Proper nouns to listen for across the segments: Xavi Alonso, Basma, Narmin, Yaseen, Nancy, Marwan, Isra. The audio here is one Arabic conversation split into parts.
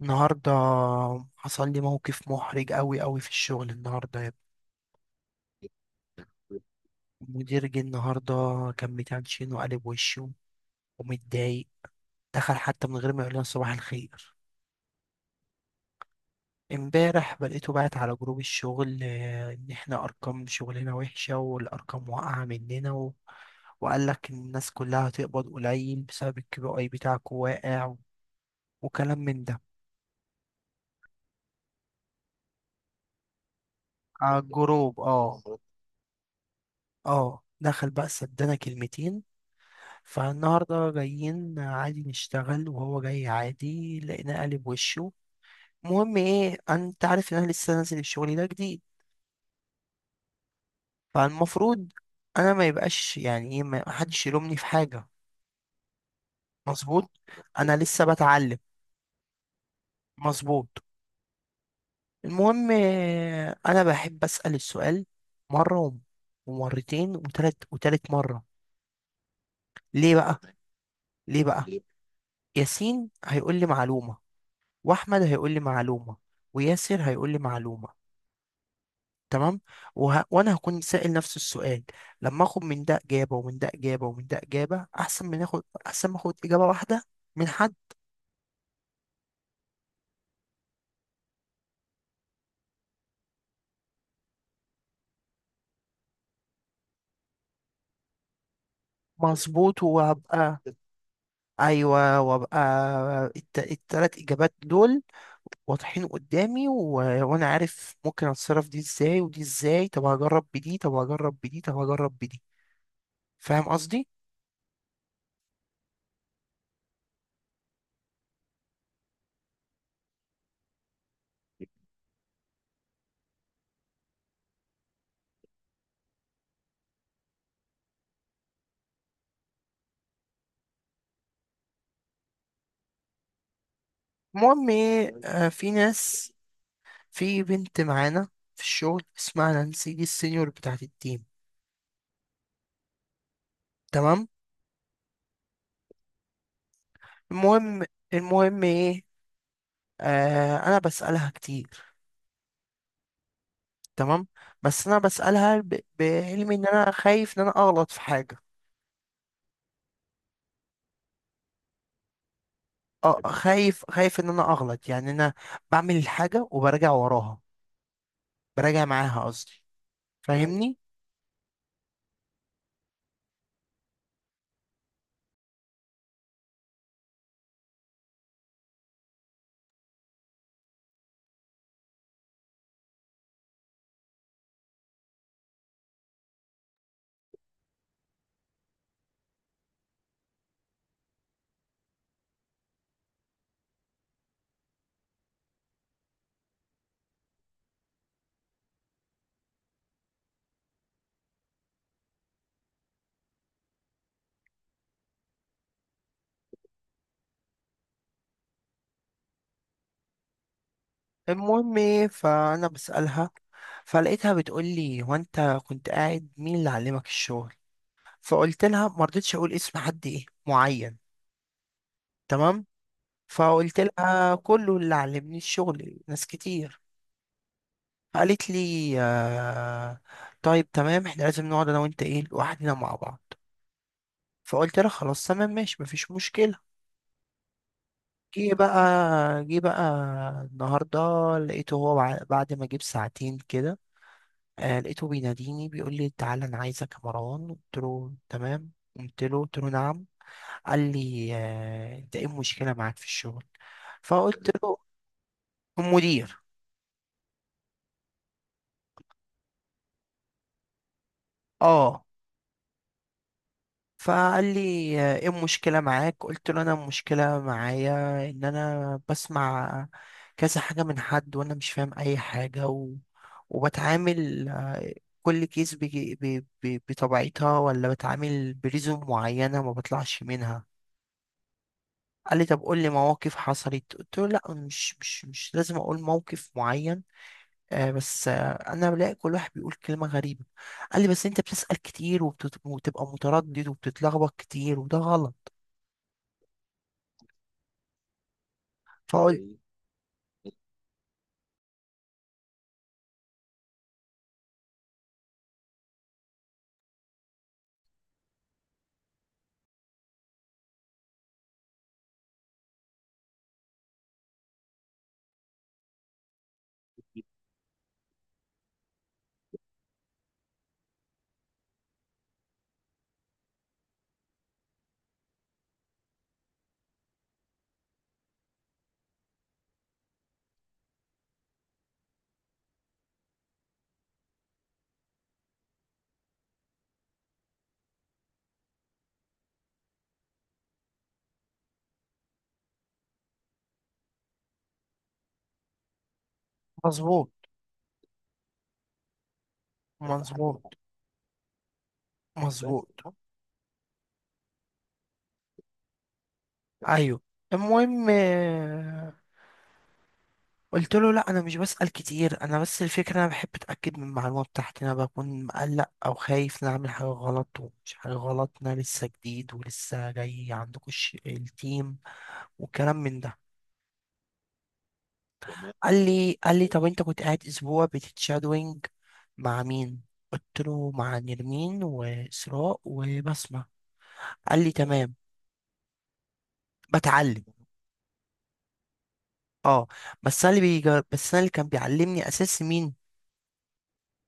النهاردة حصل لي موقف محرج أوي أوي في الشغل النهاردة يا ابني. المدير جه النهاردة، كان متنشن وقالب وشه ومتضايق. دخل حتى من غير ما يقول لنا صباح الخير. امبارح بلقيته بعت على جروب الشغل، إن احنا أرقام شغلنا وحشة والأرقام واقعة مننا وقال لك إن الناس كلها هتقبض قليل بسبب الكي بي أي بتاعكوا واقع، وكلام من ده على الجروب، اه. اه دخل بقى سدنا كلمتين. فالنهارده جايين عادي نشتغل، وهو جاي عادي لقيناه قالب وشه. المهم ايه، انت عارف ان انا لسه نازل الشغل ده جديد، فالمفروض انا ما يبقاش يعني ايه، ما حدش يلومني في حاجه. مظبوط، انا لسه بتعلم. مظبوط. المهم انا بحب اسال السؤال مره ومرتين وتلت وتالت مره. ليه بقى؟ ليه بقى؟ ياسين هيقول لي معلومه، واحمد هيقول لي معلومه، وياسر هيقول لي معلومه، تمام. وانا هكون سائل نفس السؤال، لما اخد من ده اجابه ومن ده اجابه ومن ده اجابه، احسن من اخد، احسن ما اخد اجابه واحده من حد. مظبوط وابقى، ايوه وابقى التلات اجابات دول واضحين قدامي وانا عارف ممكن اتصرف دي ازاي ودي ازاي، طب هجرب بدي، طب هجرب بدي، طب هجرب بدي، فاهم قصدي. المهم ايه، في ناس، في بنت معانا في الشغل اسمها نانسي، دي السينيور بتاعت التيم، تمام. المهم المهم ايه، آه انا بسألها كتير، تمام. بس انا بسألها بعلمي ان انا خايف ان انا اغلط في حاجة. اه خايف، خايف ان انا اغلط، يعني انا بعمل الحاجة وبراجع وراها، براجع معاها قصدي. مم. فاهمني؟ المهم ايه، فانا بسألها، فلقيتها بتقول لي هو انت كنت قاعد مين اللي علمك الشغل؟ فقلت لها، ما رضيتش اقول اسم حد ايه معين، تمام، فقلت لها كله، اللي علمني الشغل ناس كتير. قالت لي آه، طيب تمام، احنا لازم نقعد انا وانت ايه لوحدنا مع بعض، فقلت لها خلاص تمام ماشي مفيش مشكلة. جه بقى، جه بقى النهاردة، لقيته هو بعد ما جه بساعتين كده، آه لقيته بيناديني، بيقول لي تعالى انا عايزك يا مروان، قلت له تمام. قمت له قلت له نعم. قال لي آه، انت ايه المشكلة معاك في الشغل؟ فقلت له، المدير، اه. فقال لي ايه المشكلة معاك؟ قلت له انا المشكلة معايا ان انا بسمع كذا حاجة من حد وانا مش فاهم اي حاجة وبتعامل، كل كيس بطبيعتها، ولا بتعامل بريزم معينة ما بطلعش منها. قال لي طب قول لي مواقف حصلت، قلت له لا، مش لازم اقول موقف معين، آه بس انا بلاقي كل واحد بيقول كلمة غريبة. قال لي بس انت بتسأل كتير، وبتبقى متردد وبتتلخبط كتير، وده غلط. فهو مظبوط، مظبوط، مظبوط، ايوه. المهم قلت له لا انا مش بسأل كتير، انا بس الفكره انا بحب اتاكد من المعلومه بتاعتي، انا بكون مقلق او خايف ان أنا اعمل حاجه غلط، ومش حاجه غلط إن انا لسه جديد ولسه جاي عندكم التيم، وكلام من ده. قال لي طب انت كنت قاعد اسبوع بتتشادوينج مع مين؟ قلت له مع نرمين واسراء وبسمة، قال لي تمام. بتعلم اه. بس انا اللي كان بيعلمني اساس مين؟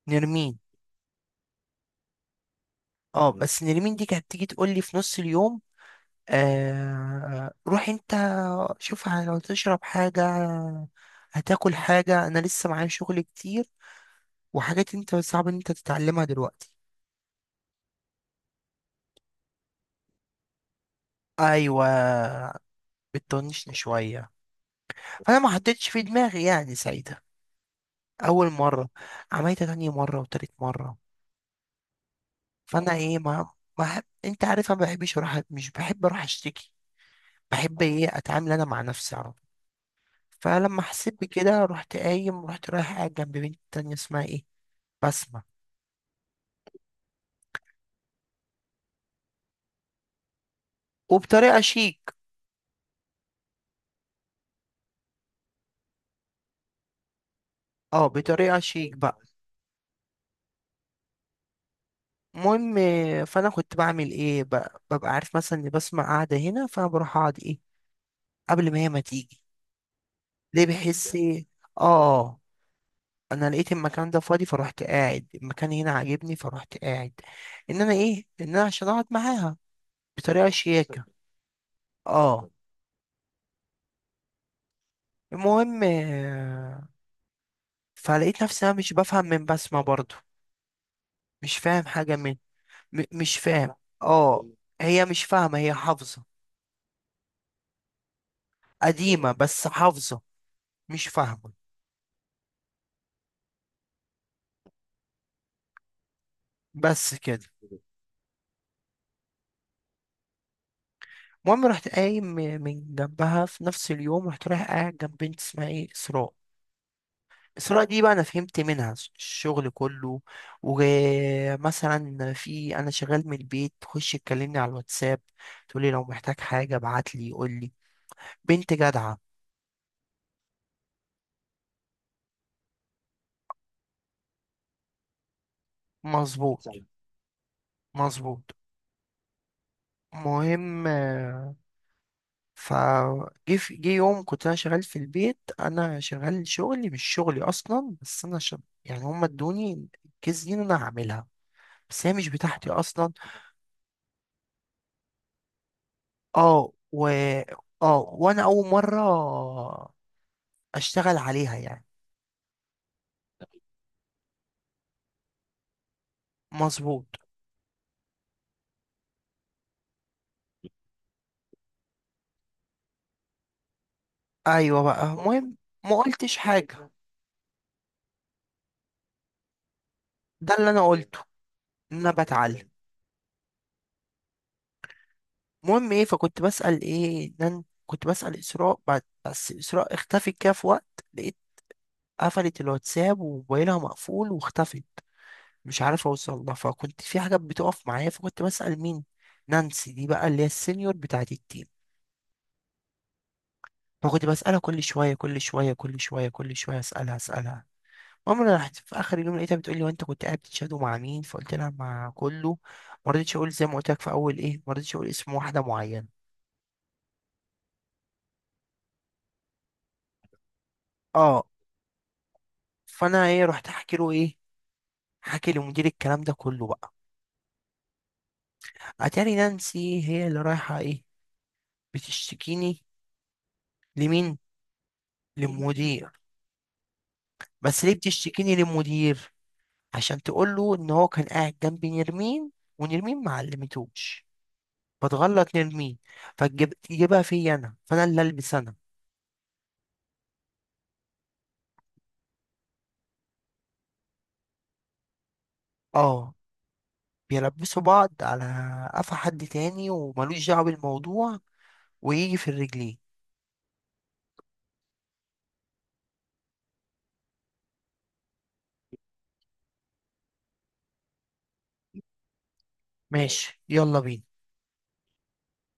نرمين. اه بس نرمين دي كانت تيجي تقول لي في نص اليوم، روح انت، شوف لو تشرب حاجة، هتاكل حاجة، انا لسه معايا شغل كتير وحاجات انت صعب ان انت تتعلمها دلوقتي. ايوه، بتطنشني شوية. فانا ما حطيتش في دماغي يعني ساعتها اول مرة، عملتها تاني مرة وتالت مرة. فانا ايه، ما ما أحب- انت عارف أنا ما بحبش اروح، مش بحب اروح اشتكي، بحب ايه اتعامل انا مع نفسي على طول. فلما حسيت بكده رحت قايم، رحت رايح قاعد جنب بنت تانية اسمها ايه، بسمة، وبطريقة شيك. اه، بطريقة شيك بقى. المهم فانا كنت بعمل ايه بقى، ببقى عارف مثلا ان بسمة قاعدة هنا، فانا بروح اقعد ايه قبل ما هي ما تيجي، ليه؟ بحس ايه، اه انا لقيت المكان ده فاضي فروحت قاعد، المكان هنا عاجبني فروحت قاعد، ان انا ايه، ان انا عشان اقعد معاها بطريقة شياكة، اه. المهم، فلقيت نفسي انا مش بفهم من بسمة برضو، مش فاهم حاجة من، مش فاهم، اه. هي مش فاهمة، هي حافظة، قديمة بس حافظة، مش فاهمة، بس كده. المهم رحت قايم من جنبها في نفس اليوم، رحت رايح قاعد جنب بنت اسمها ايه، اسراء. اسراء دي بقى انا فهمت منها الشغل كله، ومثلا في انا شغال من البيت تخش تكلمني على الواتساب، تقولي لو محتاج حاجة ابعت لي قول لي، بنت جدعة. مظبوط، صح، مظبوط. مهم جه يوم كنت انا شغال في البيت، انا شغال شغلي مش شغلي اصلا، بس انا يعني هم ادوني الكيس دي إن انا هعملها، بس هي مش بتاعتي اصلا. اه و اه وانا اول مره اشتغل عليها يعني. مظبوط، ايوه بقى المهم، ما قلتش حاجه، ده اللي انا قلته، ان انا بتعلم. المهم ايه، فكنت بسال ايه، ان أنا كنت بسال اسراء بعد، بس اسراء اختفت كده في وقت، لقيت قفلت الواتساب وموبايلها مقفول واختفت، مش عارف اوصل لها، فكنت في حاجات بتقف معايا فكنت بسأل مين؟ نانسي دي بقى اللي هي السينيور بتاعت التيم. فكنت بسألها كل شوية كل شوية كل شوية كل شوية، أسألها أسألها. المهم أنا رحت في آخر اليوم لقيتها بتقول لي وأنت كنت قاعد بتشادو مع مين؟ فقلت لها مع كله، ما رضيتش أقول زي ما قلت لك في أول إيه، ما رضيتش أقول اسم واحدة معينة، أه. فأنا إيه رحت أحكي له إيه، حكي لمدير الكلام ده كله بقى. أتاري نانسي هي اللي رايحة إيه، بتشتكيني، لمين؟ للمدير. بس ليه بتشتكيني للمدير؟ عشان تقول له ان هو كان قاعد جنبي نرمين، ونرمين ما علمتوش، فتغلط نرمين، فتجيبها فيا انا، فانا اللي البس انا. اه، بيلبسوا بعض على قفا حد تاني وملوش دعوه بالموضوع، ويجي في الرجلين. ماشي، يلا بينا.